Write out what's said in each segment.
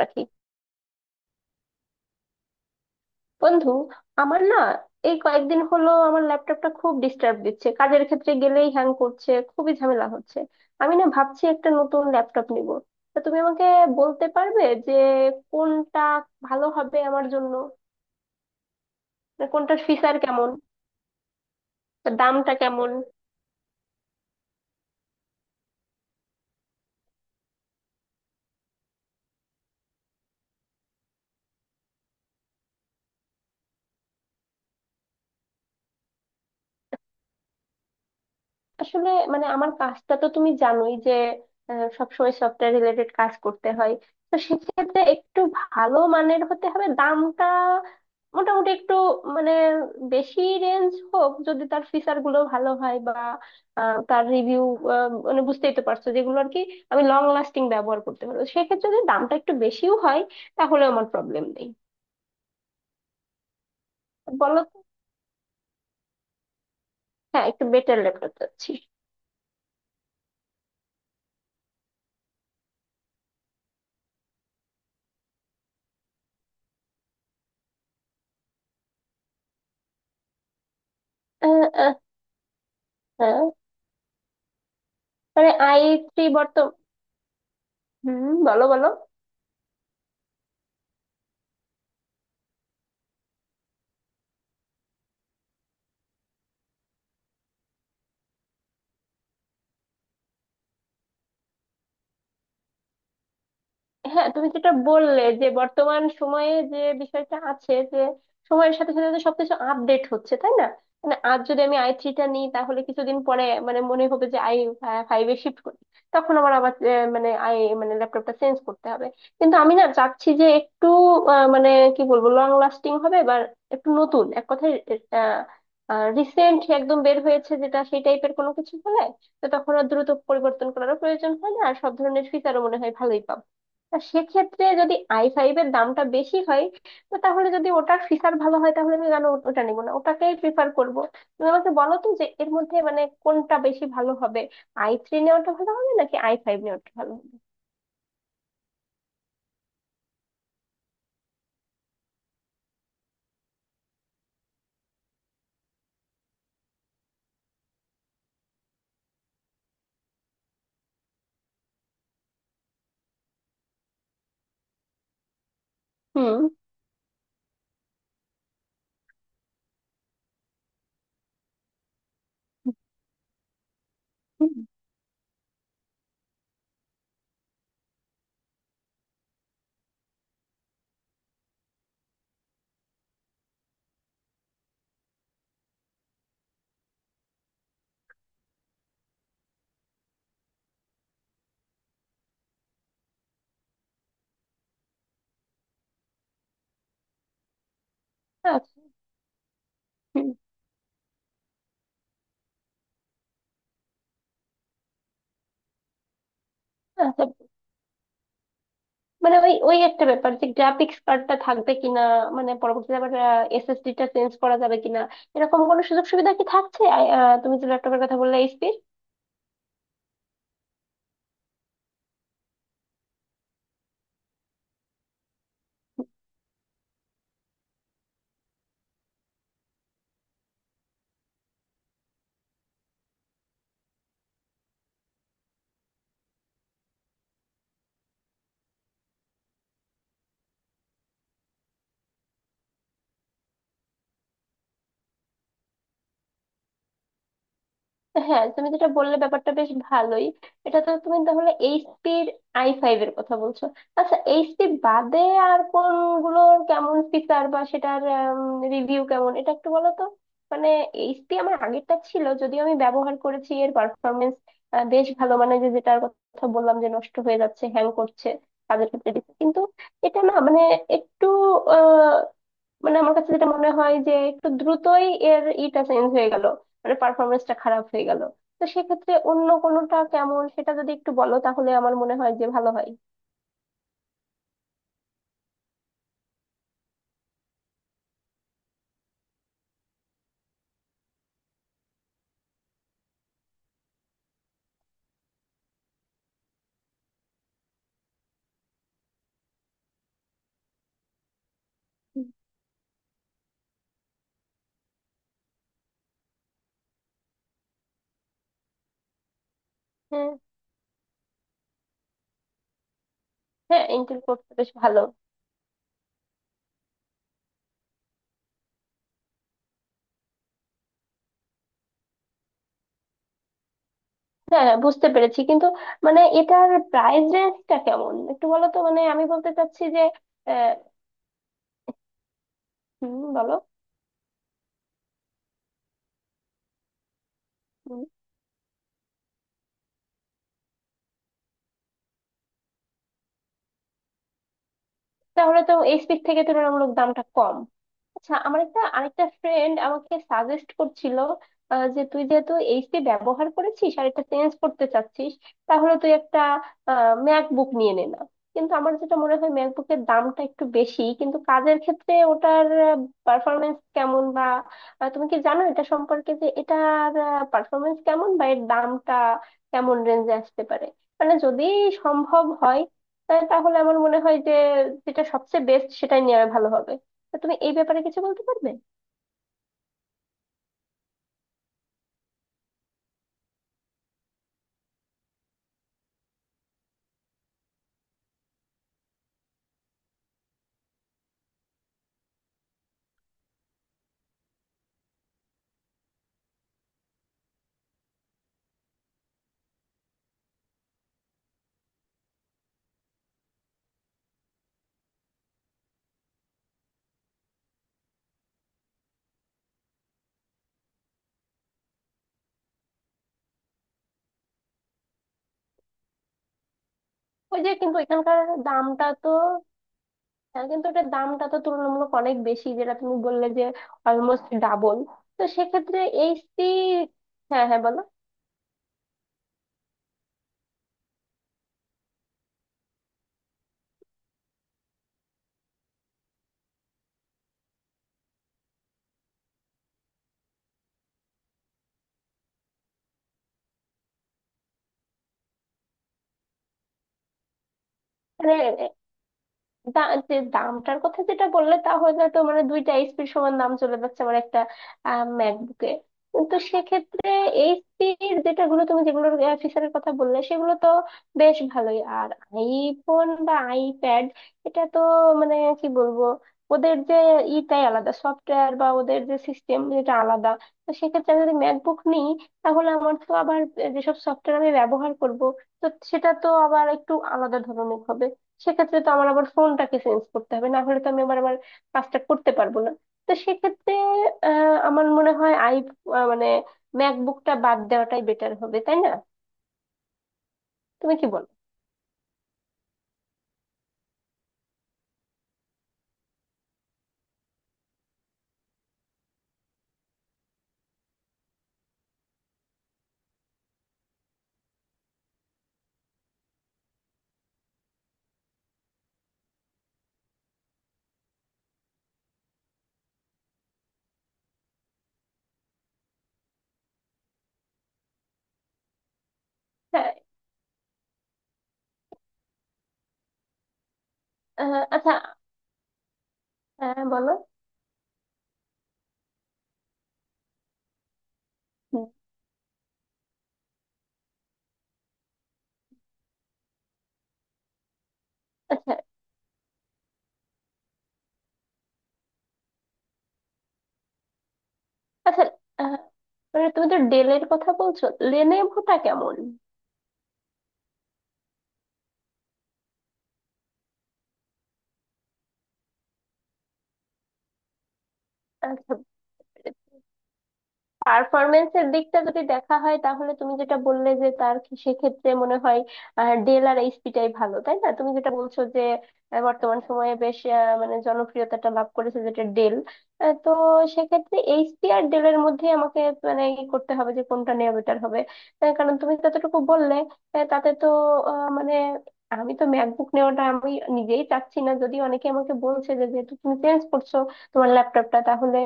রাখি বন্ধু, আমার না এই কয়েকদিন হলো আমার ল্যাপটপটা খুব ডিস্টার্ব দিচ্ছে, কাজের ক্ষেত্রে গেলেই হ্যাং করছে, খুবই ঝামেলা হচ্ছে। আমি না ভাবছি একটা নতুন ল্যাপটপ নিব। তা তুমি আমাকে বলতে পারবে যে কোনটা ভালো হবে আমার জন্য, মানে কোনটার ফিচার কেমন, তার দামটা কেমন? আসলে মানে আমার কাজটা তো তুমি জানোই যে সবসময় সফটওয়্যার রিলেটেড কাজ করতে হয়। তো সেক্ষেত্রে একটু ভালো মানের হতে হবে, দামটা মোটামুটি একটু মানে বেশি রেঞ্জ হোক যদি তার ফিচার গুলো ভালো হয় বা তার রিভিউ মানে বুঝতেই তো পারছো যেগুলো আর কি। আমি লং লাস্টিং ব্যবহার করতে পারবো, সেক্ষেত্রে যদি দামটা একটু বেশিও হয় তাহলে আমার প্রবলেম নেই। বলো তো। হ্যাঁ, একটু বেটার ল্যাপটপ চাচ্ছি। আহ, আহ, হ্যাঁ। মানে আই থ্রি বর্তমান। হুম, বলো বলো। হ্যাঁ, তুমি যেটা বললে যে বর্তমান সময়ে যে বিষয়টা আছে, যে সময়ের সাথে সাথে তো সবকিছু আপডেট হচ্ছে, তাই না? মানে আজ যদি আমি আই থ্রিটা নিই তাহলে কিছুদিন পরে মানে মনে হবে যে আই ফাইভে শিফট করি, তখন আমার আবার মানে আই মানে ল্যাপটপটা চেঞ্জ করতে হবে। কিন্তু আমি না চাচ্ছি যে একটু মানে কি বলবো লং লাস্টিং হবে বা একটু নতুন, এক কথায় রিসেন্ট একদম বের হয়েছে যেটা, সেই টাইপের কোনো কিছু হলে তো তখন আর দ্রুত পরিবর্তন করারও প্রয়োজন হয় না, আর সব ধরনের ফিচারও মনে হয় ভালোই পাবো। তা সেক্ষেত্রে যদি আই ফাইভ এর দামটা বেশি হয়, তো তাহলে যদি ওটার ফিচার ভালো হয় তাহলে আমি কেন ওটা নিবো না, ওটাকেই প্রিফার করব। তুমি আমাকে বলো তো যে এর মধ্যে মানে কোনটা বেশি ভালো হবে, আই থ্রি নেওয়াটা ভালো হবে নাকি আই ফাইভ নেওয়াটা ভালো হবে? হুম। হুম, আচ্ছা। হুম, আচ্ছা, মানে ওই ওই একটা ব্যাপার যে গ্রাফিক্স কার্ডটা থাকবে কিনা, মানে পরবর্তীতে আবার এসএসডি টা চেঞ্জ করা যাবে কিনা, এরকম কোনো সুযোগ সুবিধা কি থাকছে তুমি যে ল্যাপটপের কথা বললে এইচপির? হ্যাঁ, তুমি যেটা বললে ব্যাপারটা বেশ ভালোই। এটা তো তুমি তাহলে এইচপি আই ফাইভ এর কথা বলছো। আচ্ছা, এইচপি বাদে আর কোনগুলোর কেমন ফিচার বা সেটার রিভিউ কেমন এটা একটু বলো তো। মানে এইচপি আমার আগেরটা ছিল, যদিও আমি ব্যবহার করেছি এর পারফরমেন্স বেশ ভালো, মানে যেটার কথা বললাম যে নষ্ট হয়ে যাচ্ছে, হ্যাং করছে, কাজের ক্ষেত্রে দিচ্ছে। কিন্তু এটা না মানে একটু মানে আমার কাছে যেটা মনে হয় যে একটু দ্রুতই এর ইটা চেঞ্জ হয়ে গেল, মানে পারফরমেন্সটা খারাপ হয়ে গেল। তো সেক্ষেত্রে অন্য কোনোটা কেমন সেটা যদি একটু বলো তাহলে আমার মনে হয় যে ভালো হয়। হ্যাঁ। হ্যাঁ, ইন্টেল করতে বেশ ভালো। হ্যাঁ, হ্যাঁ, বুঝতে পেরেছি। কিন্তু মানে এটার প্রাইস রেঞ্জটা কেমন একটু বলো তো, মানে আমি বলতে চাচ্ছি যে আহ, হুম, বলো। হুম, তাহলে তো এইচপির থেকে তুলনামূলক দামটা কম। আচ্ছা, আমার আরেকটা ফ্রেন্ড আমাকে সাজেস্ট করছিল যে তুই যেহেতু এইচপি ব্যবহার করেছিস আর এটা চেঞ্জ করতে চাচ্ছিস তাহলে তুই একটা ম্যাকবুক নিয়ে নে না। কিন্তু আমার যেটা মনে হয় ম্যাকবুকের দামটা একটু বেশি, কিন্তু কাজের ক্ষেত্রে ওটার পারফরমেন্স কেমন বা তুমি কি জানো এটা সম্পর্কে, যে এটার পারফরমেন্স কেমন বা এর দামটা কেমন রেঞ্জে আসতে পারে, মানে যদি সম্ভব হয়, তাহলে আমার মনে হয় যে যেটা সবচেয়ে বেস্ট সেটাই নেওয়া ভালো হবে। তা তুমি এই ব্যাপারে কিছু বলতে পারবে? ওই যে কিন্তু এখানকার দামটা তো, হ্যাঁ কিন্তু এটার দামটা তো তুলনামূলক অনেক বেশি যেটা তুমি বললে যে অলমোস্ট ডাবল। তো সেক্ষেত্রে এইচসি। হ্যাঁ হ্যাঁ, বলো। মানে দা যে দামটার কথা যেটা বললে তা হয়তো তো মানে দুইটা এইচপির সমান দাম চলে যাচ্ছে আমার একটা ম্যাকবুকে। কিন্তু সেক্ষেত্রে এইচপির যেটাগুলো তুমি, যেগুলোর ফিচারের কথা বললে সেগুলো তো বেশ ভালোই। আর আইফোন বা আইপ্যাড এটা তো মানে কি বলবো, ওদের যে ইটাই আলাদা সফটওয়্যার বা ওদের যে সিস্টেম যেটা আলাদা, তো সেক্ষেত্রে আমি যদি ম্যাকবুক নিই তাহলে আমার তো আবার যেসব সফটওয়্যার আমি ব্যবহার করব, তো সেটা তো আবার একটু আলাদা ধরনের হবে। সেক্ষেত্রে তো আমার আবার ফোনটাকে চেঞ্জ করতে হবে, না হলে তো আমি আবার আমার কাজটা করতে পারবো না। তো সেক্ষেত্রে আমার মনে হয় আই আহ, মানে ম্যাকবুকটা বাদ দেওয়াটাই বেটার হবে, তাই না? তুমি কি বলো? হ্যাঁ। আচ্ছা। হ্যাঁ, বলো। হুম, আচ্ছা। আচ্ছা, আহ, মানে তুমি তো ডেলের কথা বলছো, লেনেভোটা কেমন? আচ্ছা, পারফরমেন্সের দিকটা যদি দেখা হয় তাহলে তুমি যেটা বললে যে সেক্ষেত্রে মনে হয় ডেল আর এইচপিটাই ভালো, তাই না? তুমি যেটা বলছো যে বর্তমান সময়ে বেশ মানে জনপ্রিয়তাটা লাভ করেছে যেটা ডেল। তো সেক্ষেত্রে এইচপি আর ডেলের মধ্যে আমাকে মানে ই করতে হবে যে কোনটা নেওয়া বেটার হবে। কারণ তুমি যতটুকু বললে তাতে তো মানে আমি তো ম্যাকবুক নেওয়াটা আমি নিজেই চাচ্ছি না, যদি অনেকে আমাকে বলছে যে যেহেতু তুমি চেঞ্জ করছো তোমার ল্যাপটপটা তাহলে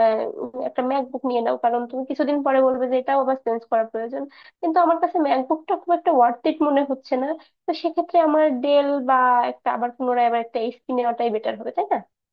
আহ, একটা ম্যাকবুক নিয়ে নাও, কারণ তুমি কিছুদিন পরে বলবে যে এটাও আবার চেঞ্জ করা প্রয়োজন। কিন্তু আমার কাছে ম্যাকবুকটা খুব একটা ওয়ার্থ ইট মনে হচ্ছে না। তো সেক্ষেত্রে আমার ডেল বা একটা আবার পুনরায় আবার একটা এইচপি নেওয়াটাই বেটার হবে, তাই না?